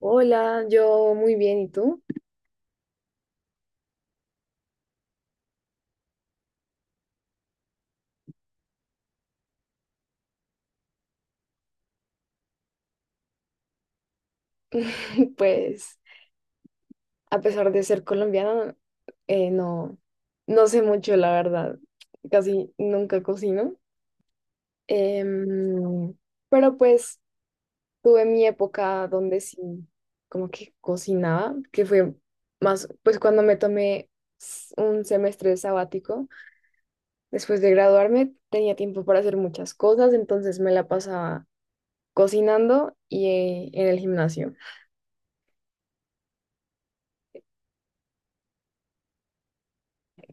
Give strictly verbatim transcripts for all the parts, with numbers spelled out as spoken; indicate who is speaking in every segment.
Speaker 1: Hola, yo muy bien, ¿y tú? Pues a pesar de ser colombiana, eh, no, no sé mucho, la verdad. Casi nunca cocino. Em, pero pues tuve mi época donde sí, como que cocinaba, que fue más, pues cuando me tomé s- un semestre sabático, después de graduarme, tenía tiempo para hacer muchas cosas, entonces me la pasaba cocinando y, eh, en el gimnasio.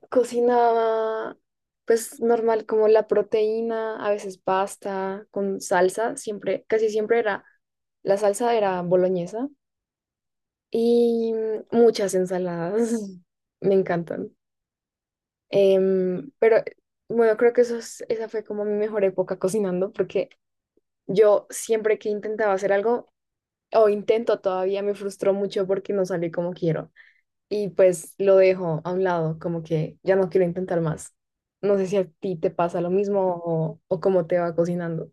Speaker 1: Cocinaba, pues normal, como la proteína, a veces pasta con salsa, siempre, casi siempre era, la salsa era boloñesa y muchas ensaladas, me encantan. Em, pero bueno, creo que eso es- esa fue como mi mejor época cocinando, porque yo siempre que intentaba hacer algo, o intento todavía, me frustró mucho porque no salió como quiero, y pues lo dejo a un lado, como que ya no quiero intentar más. No sé si a ti te pasa lo mismo o, o cómo te va cocinando.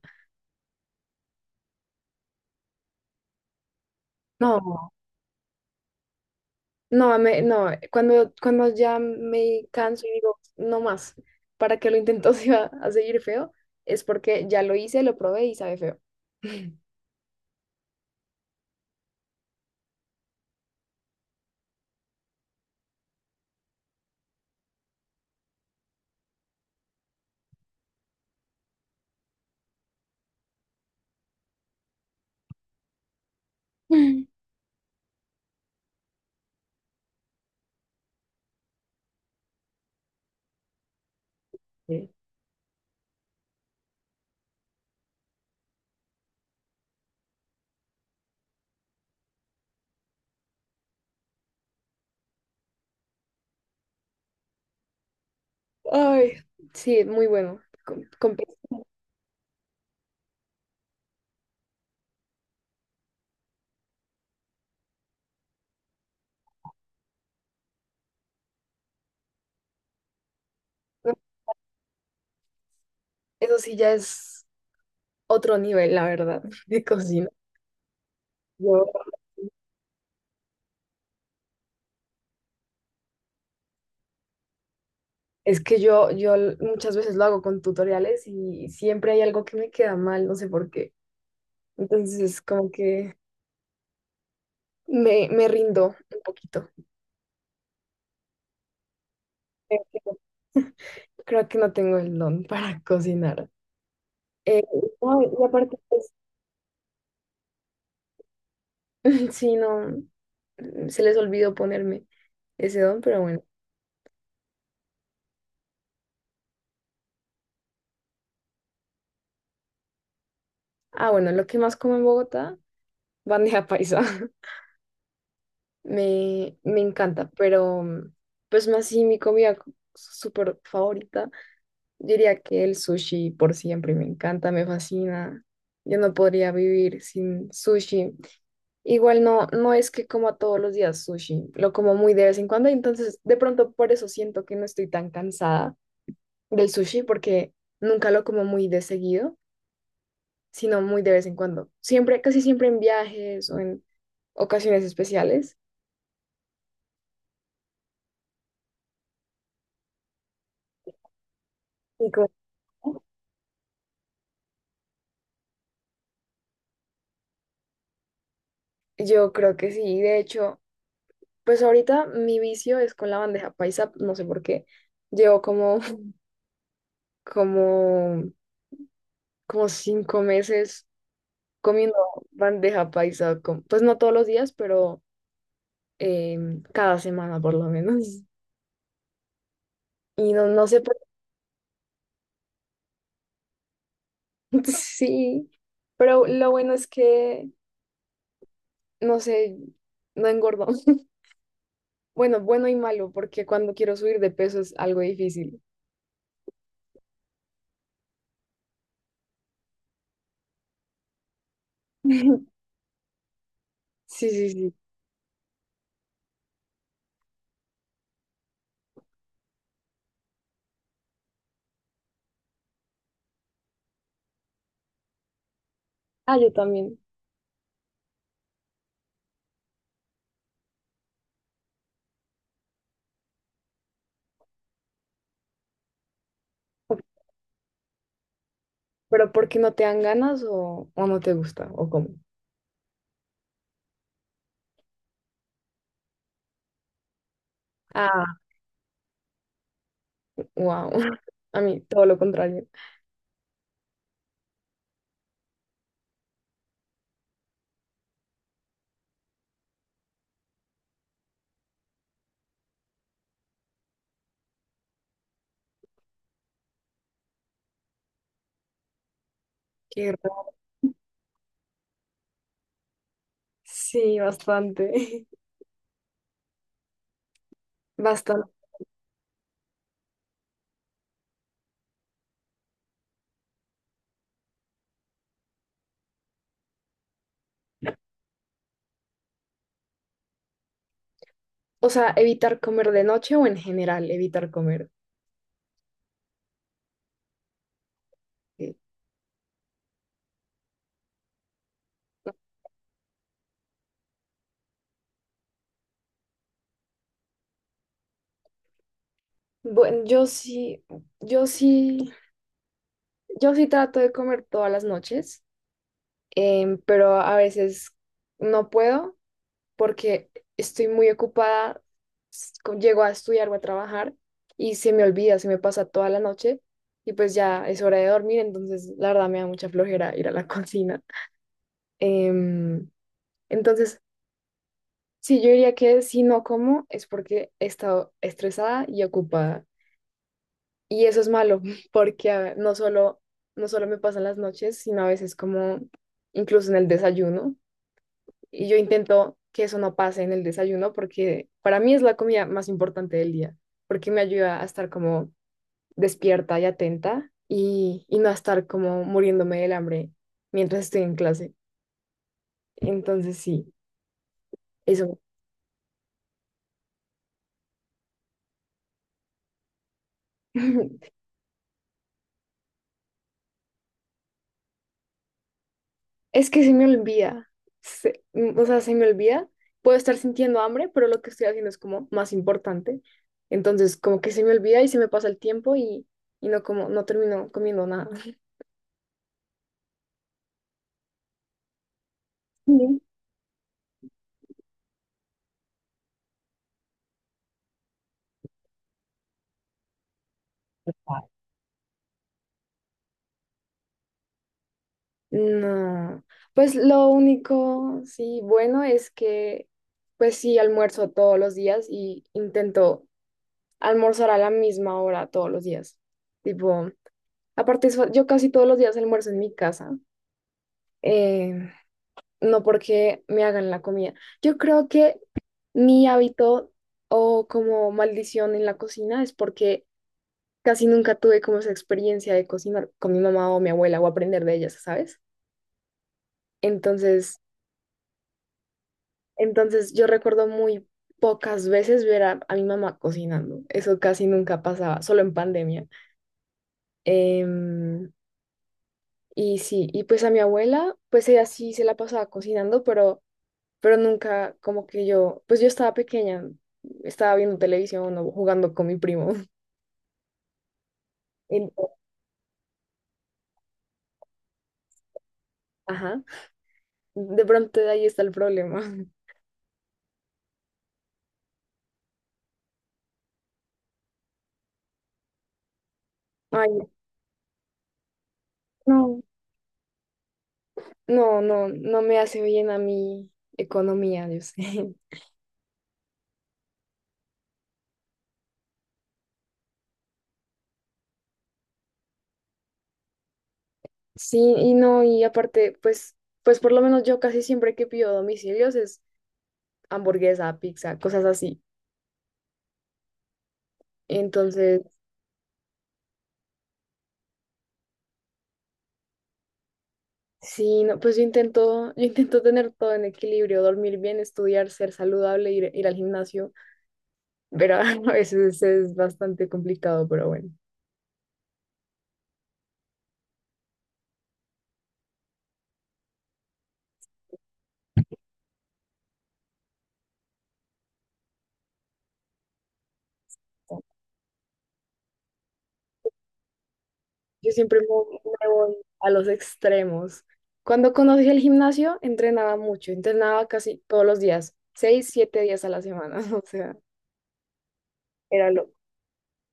Speaker 1: No, no, me- no, cuando, cuando ya me canso y digo, no más, ¿para qué lo intento si va a seguir feo? Es porque ya lo hice, lo probé y sabe feo. Sí. Ay, sí, muy bueno. Con- con pe- Eso sí ya es otro nivel, la verdad, de cocina. Yo Es que yo, yo muchas veces lo hago con tutoriales y siempre hay algo que me queda mal, no sé por qué. Entonces, como que me, me rindo un poquito. Creo que no Creo que no tengo el don para cocinar. Eh, no, y aparte, pues, sí, no, mm, se les olvidó ponerme ese don, pero bueno. Ah, bueno, lo que más como en Bogotá, bandeja paisa. Me, me encanta, pero mm, pues más sí, mi comida súper favorita. Yo diría que el sushi, por siempre me encanta, me fascina. Yo no podría vivir sin sushi. Igual no, no es que coma todos los días sushi, lo como muy de vez en cuando, entonces de pronto por eso siento que no estoy tan cansada del sushi porque nunca lo como muy de seguido, sino muy de vez en cuando. Siempre, casi siempre en viajes o en ocasiones especiales. Y como- yo creo que sí, de hecho, pues ahorita mi vicio es con la bandeja paisa, no sé por qué. Llevo como como, como cinco meses comiendo bandeja paisa, con- pues no todos los días, pero em, cada semana por lo menos. Y no, no sé, por- Sí, pero lo bueno es que, no sé, no engordo. Bueno, bueno y malo, porque cuando quiero subir de peso es algo difícil. Sí, sí, sí. Ah, yo también. Ok, pero ¿por qué no te dan ganas o, o no te gusta o cómo? Ah, wow. A mí todo lo contrario. Qué raro. Sí, bastante, bastante. O sea, ¿evitar comer de noche o en general evitar comer? Sí. Bueno, yo sí, yo sí, yo sí trato de comer todas las noches, em, pero a veces no puedo porque estoy muy ocupada, s- co- llego a estudiar o a trabajar y se me olvida, se me pasa toda la noche y pues ya es hora de dormir, entonces la verdad me da mucha flojera ir a la cocina. Em, entonces, sí, yo diría que si no como es porque he estado estresada y ocupada. Y eso es malo, porque a ver, no solo, no solo me pasan las noches, sino a veces como incluso en el desayuno. Y yo intento que eso no pase en el desayuno porque para mí es la comida más importante del día, porque me ayuda a estar como despierta y atenta, y, y no a estar como muriéndome del hambre mientras estoy en clase. Entonces sí, eso. Es que se me olvida. Se- mm, o sea, se me olvida. Puedo estar sintiendo hambre, pero lo que estoy haciendo es como más importante. Entonces, como que se me olvida y se me pasa el tiempo y, y no como, no termino comiendo nada. Bien. No. Pues lo único, sí, bueno es que, pues sí, almuerzo todos los días y intento almorzar a la misma hora todos los días. Tipo, aparte, eso- yo casi todos los días almuerzo en mi casa. eh, no porque me hagan la comida. Yo creo que mi hábito o como maldición en la cocina es porque casi nunca tuve como esa experiencia de cocinar con mi mamá o mi abuela o aprender de ellas, ¿sabes? Entonces, entonces yo recuerdo muy pocas veces ver a, a mi mamá cocinando. Eso casi nunca pasaba, solo en pandemia. Em, y sí, y pues a mi abuela, pues ella sí se la pasaba cocinando, pero pero nunca como que yo, pues yo estaba pequeña, estaba viendo televisión o jugando con mi primo. Y- ajá, de pronto de ahí está el problema. Ay, no, no, no, no me hace bien a mi economía, yo sé. Sí, y no, y aparte, pues, pues por lo menos yo casi siempre que pido domicilios es hamburguesa, pizza, cosas así. Entonces, sí, no, pues yo intento, yo intento tener todo en equilibrio, dormir bien, estudiar, ser saludable, ir, ir al gimnasio, pero a veces es bastante complicado, pero bueno. Yo siempre me Me voy a los extremos. Cuando conocí el gimnasio, entrenaba mucho, entrenaba casi todos los días, seis, siete días a la semana, o sea, era loco.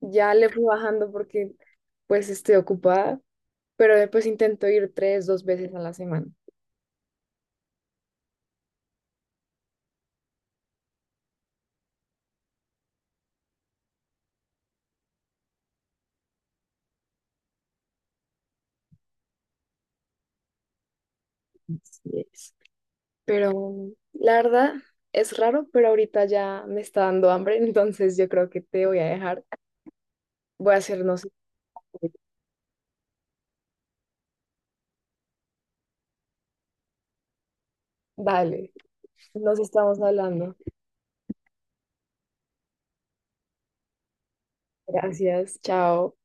Speaker 1: Ya le fui bajando porque pues estoy ocupada, pero después intento ir tres, dos veces a la semana. Así es. Pero la verdad es raro, pero ahorita ya me está dando hambre, entonces yo creo que te voy a dejar. Voy a hacer, no sé, dale. Nos estamos hablando. Gracias. Chao.